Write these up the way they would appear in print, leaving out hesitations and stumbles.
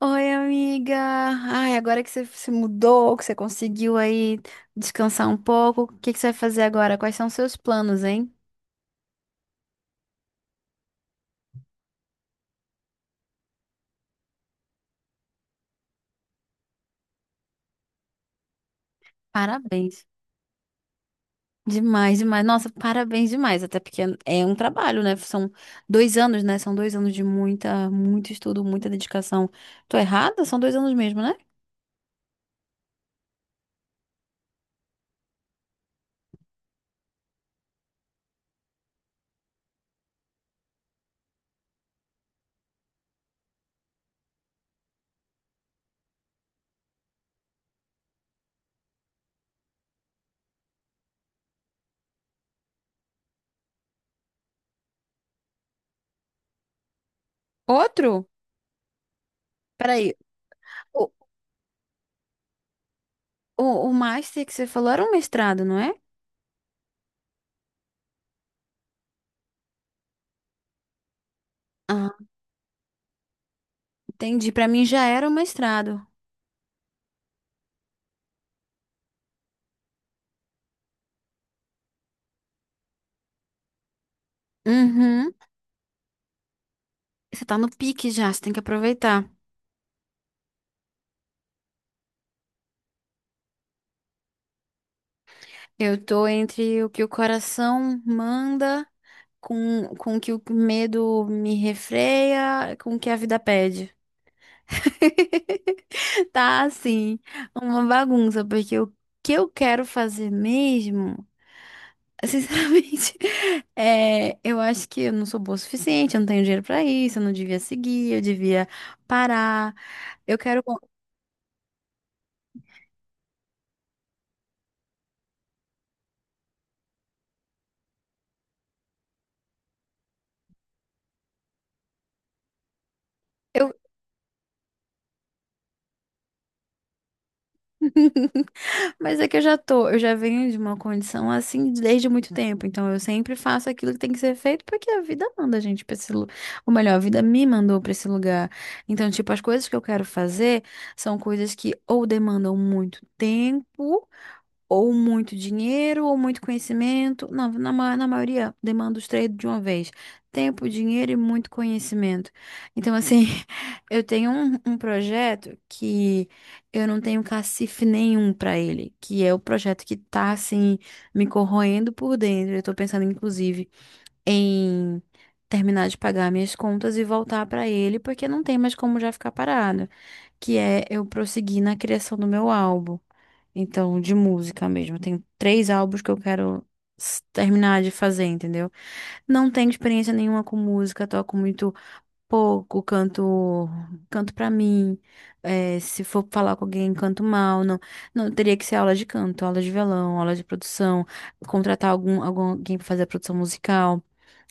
Oi, amiga. Ai, agora que você se mudou, que você conseguiu aí descansar um pouco, o que que você vai fazer agora? Quais são os seus planos, hein? Parabéns. Demais, demais. Nossa, parabéns demais. Até porque é um trabalho, né? São dois anos, né? São dois anos de muito estudo, muita dedicação. Tô errada? São dois anos mesmo, né? Outro? Peraí. O, o, o master que você falou era um mestrado, não é? Ah, entendi. Pra mim já era um mestrado. Uhum. Você tá no pique já, você tem que aproveitar. Eu tô entre o que o coração manda com o que o medo me refreia, com o que a vida pede. Tá assim, uma bagunça, porque o que eu quero fazer mesmo, sinceramente, é, eu acho que eu não sou boa o suficiente, eu não tenho dinheiro pra isso, eu não devia seguir, eu devia parar. Eu quero. Eu... Mas é que eu já venho de uma condição assim desde muito tempo. Então eu sempre faço aquilo que tem que ser feito porque a vida manda a gente pra esse lugar. Ou melhor, a vida me mandou pra esse lugar. Então, tipo, as coisas que eu quero fazer são coisas que ou demandam muito tempo ou muito dinheiro, ou muito conhecimento. Não, na maioria demanda os três de uma vez. Tempo, dinheiro e muito conhecimento. Então, assim, eu tenho um projeto que eu não tenho cacife nenhum para ele, que é o projeto que tá, assim, me corroendo por dentro. Eu tô pensando, inclusive, em terminar de pagar minhas contas e voltar para ele, porque não tem mais como já ficar parado, que é eu prosseguir na criação do meu álbum. Então, de música mesmo. Eu tenho três álbuns que eu quero terminar de fazer, entendeu? Não tenho experiência nenhuma com música, toco muito pouco, canto, canto pra mim. É, se for falar com alguém, canto mal. Não, não teria que ser aula de canto, aula de violão, aula de produção, contratar algum alguém pra fazer a produção musical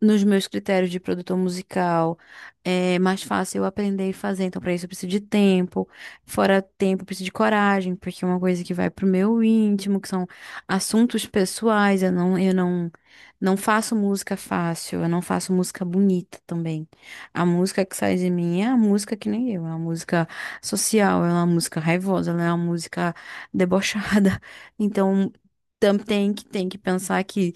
nos meus critérios de produtor musical, é mais fácil eu aprender e fazer. Então, para isso, eu preciso de tempo. Fora tempo, eu preciso de coragem, porque é uma coisa que vai pro meu íntimo, que são assuntos pessoais. Eu não, não faço música fácil, eu não faço música bonita também. A música que sai de mim é a música que nem eu, é uma música social, ela é uma música raivosa, ela é uma música debochada. Então, tem que pensar que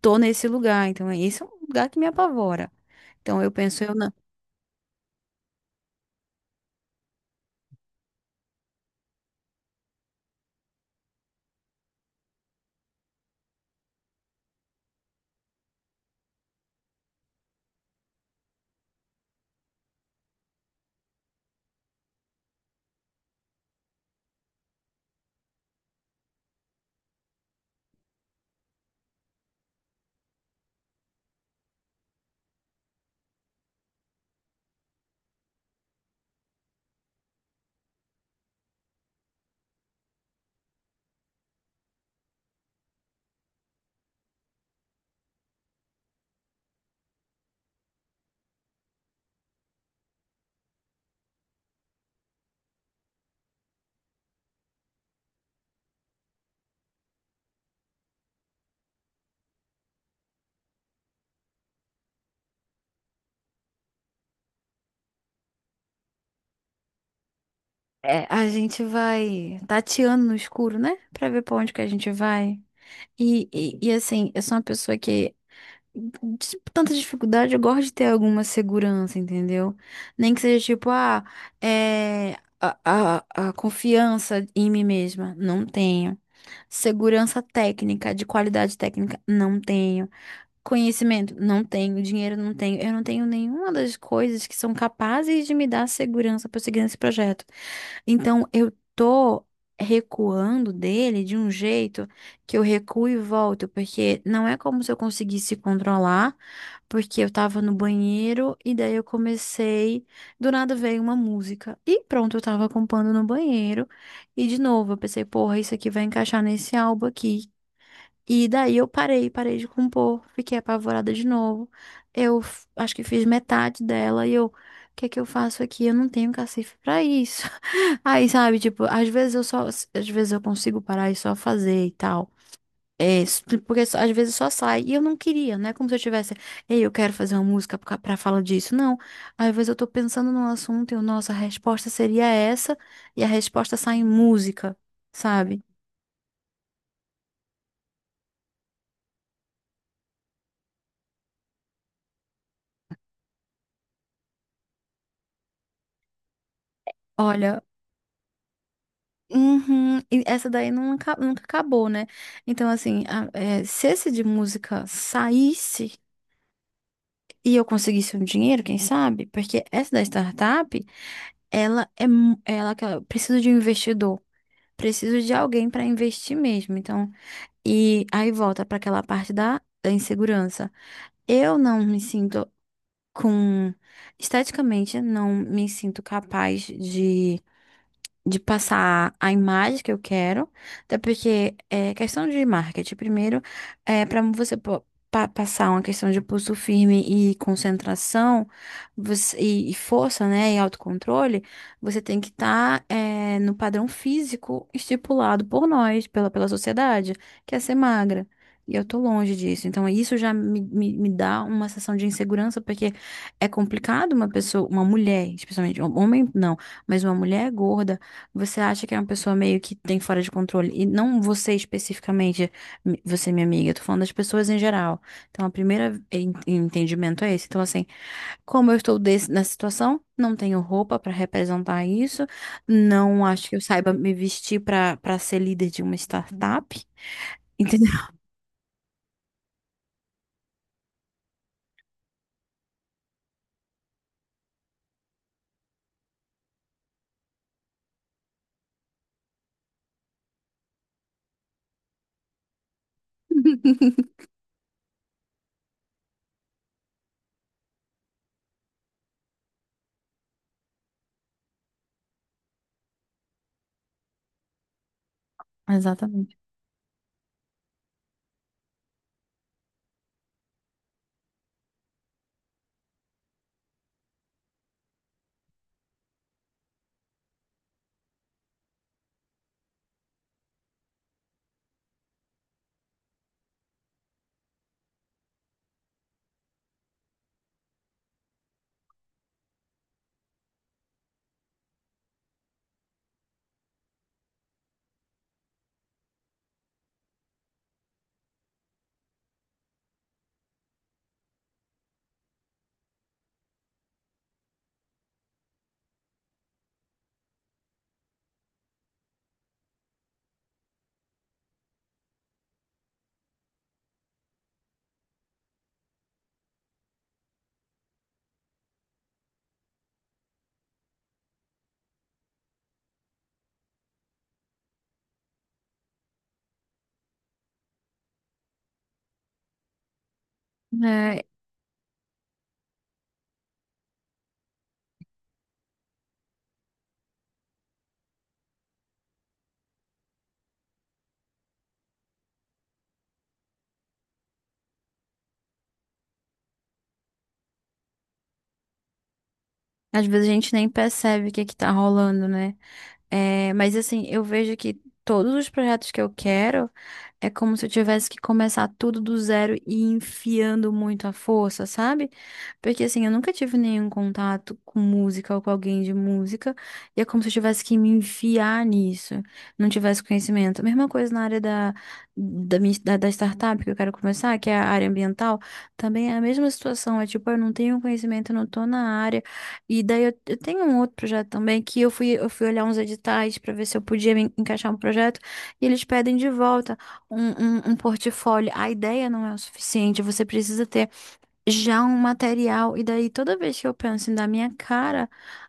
tô nesse lugar, então esse é um lugar que me apavora. Então eu penso, eu não. É, a gente vai tateando no escuro, né? Pra ver pra onde que a gente vai. E, assim, eu sou uma pessoa que, de tanta dificuldade, eu gosto de ter alguma segurança, entendeu? Nem que seja tipo, ah, é. A confiança em mim mesma, não tenho. Segurança técnica, de qualidade técnica, não tenho. Conhecimento, não tenho, dinheiro não tenho, eu não tenho nenhuma das coisas que são capazes de me dar segurança para seguir nesse projeto. Então, eu tô recuando dele de um jeito que eu recuo e volto, porque não é como se eu conseguisse controlar, porque eu tava no banheiro e daí eu comecei, do nada veio uma música e pronto, eu tava compondo no banheiro e de novo eu pensei, porra, isso aqui vai encaixar nesse álbum aqui e daí eu parei, parei de compor, fiquei apavorada de novo. Eu acho que fiz metade dela e eu, o que é que eu faço aqui? Eu não tenho cacife pra isso. Aí, sabe, tipo, às vezes eu consigo parar e só fazer e tal. É, porque às vezes só sai. E eu não queria, né? Como se eu tivesse, ei, eu quero fazer uma música pra falar disso. Não. Às vezes eu tô pensando num assunto e eu, nossa, a resposta seria essa, e a resposta sai em música, sabe? Olha, uhum, e essa daí nunca acabou, né? Então, assim, é, se esse de música saísse e eu conseguisse um dinheiro, quem sabe? Porque essa da startup, ela é mu- ela que ela- precisa de um investidor, preciso de alguém para investir mesmo. Então, e aí volta para aquela parte da, insegurança. Eu não me sinto com, esteticamente não me sinto capaz de passar a imagem que eu quero, até porque é questão de marketing. Primeiro, é, para você passar uma questão de pulso firme e concentração e força, né, e autocontrole, você tem que estar no padrão físico estipulado por nós, pela sociedade, que é ser magra. E eu tô longe disso. Então, isso já me dá uma sensação de insegurança, porque é complicado uma pessoa, uma mulher, especialmente, um homem não, mas uma mulher gorda você acha que é uma pessoa meio que tem fora de controle? E não você especificamente, você, minha amiga, eu tô falando das pessoas em geral. Então, a primeira entendimento é esse. Então, assim, como eu estou nessa situação, não tenho roupa pra representar isso, não acho que eu saiba me vestir pra para ser líder de uma startup, entendeu? Exatamente. É, às vezes a gente nem percebe o que que tá rolando, né? É, mas assim, eu vejo que todos os projetos que eu quero é como se eu tivesse que começar tudo do zero e enfiando muito a força, sabe? Porque assim, eu nunca tive nenhum contato com música ou com alguém de música, e é como se eu tivesse que me enfiar nisso, não tivesse conhecimento. Mesma coisa na área da startup que eu quero começar, que é a área ambiental, também é a mesma situação, é tipo, eu não tenho conhecimento, eu não tô na área. E daí eu tenho um outro projeto também que eu fui olhar uns editais para ver se eu podia me encaixar um projeto e eles pedem de volta um portfólio. A ideia não é o suficiente, você precisa ter já um material. E daí, toda vez que eu penso em dar minha cara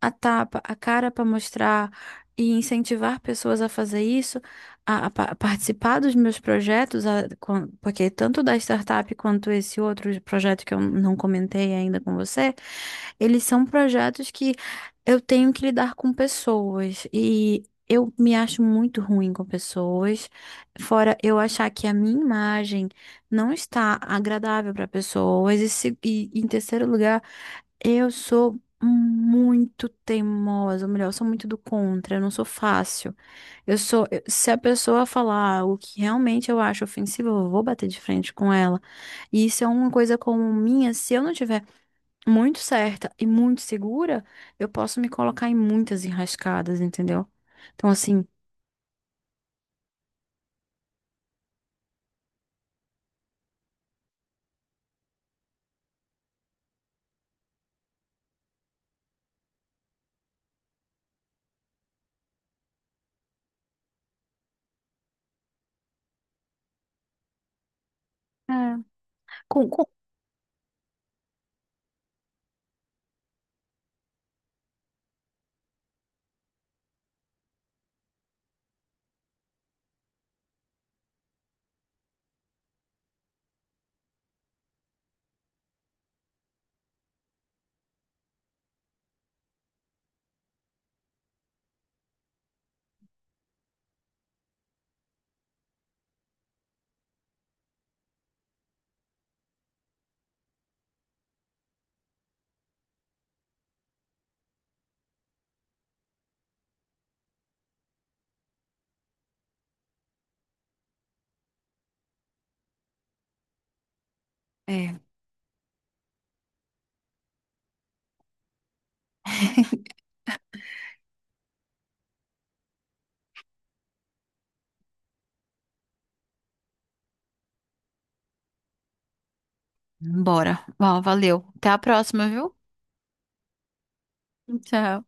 a tapa, a cara para mostrar e incentivar pessoas a fazer isso, a participar dos meus projetos, porque tanto da startup quanto esse outro projeto que eu não comentei ainda com você, eles são projetos que eu tenho que lidar com pessoas e eu me acho muito ruim com pessoas. Fora eu achar que a minha imagem não está agradável para pessoas. E, se- e em terceiro lugar, eu sou muito teimosa, ou melhor, eu sou muito do contra, eu não sou fácil. Se a pessoa falar algo que realmente eu acho ofensivo, eu vou bater de frente com ela. E isso é uma coisa como minha, se eu não tiver muito certa e muito segura, eu posso me colocar em muitas enrascadas, entendeu? Então, assim, é. com, com... É, bora. Ó, valeu. Até a próxima, viu? Tchau.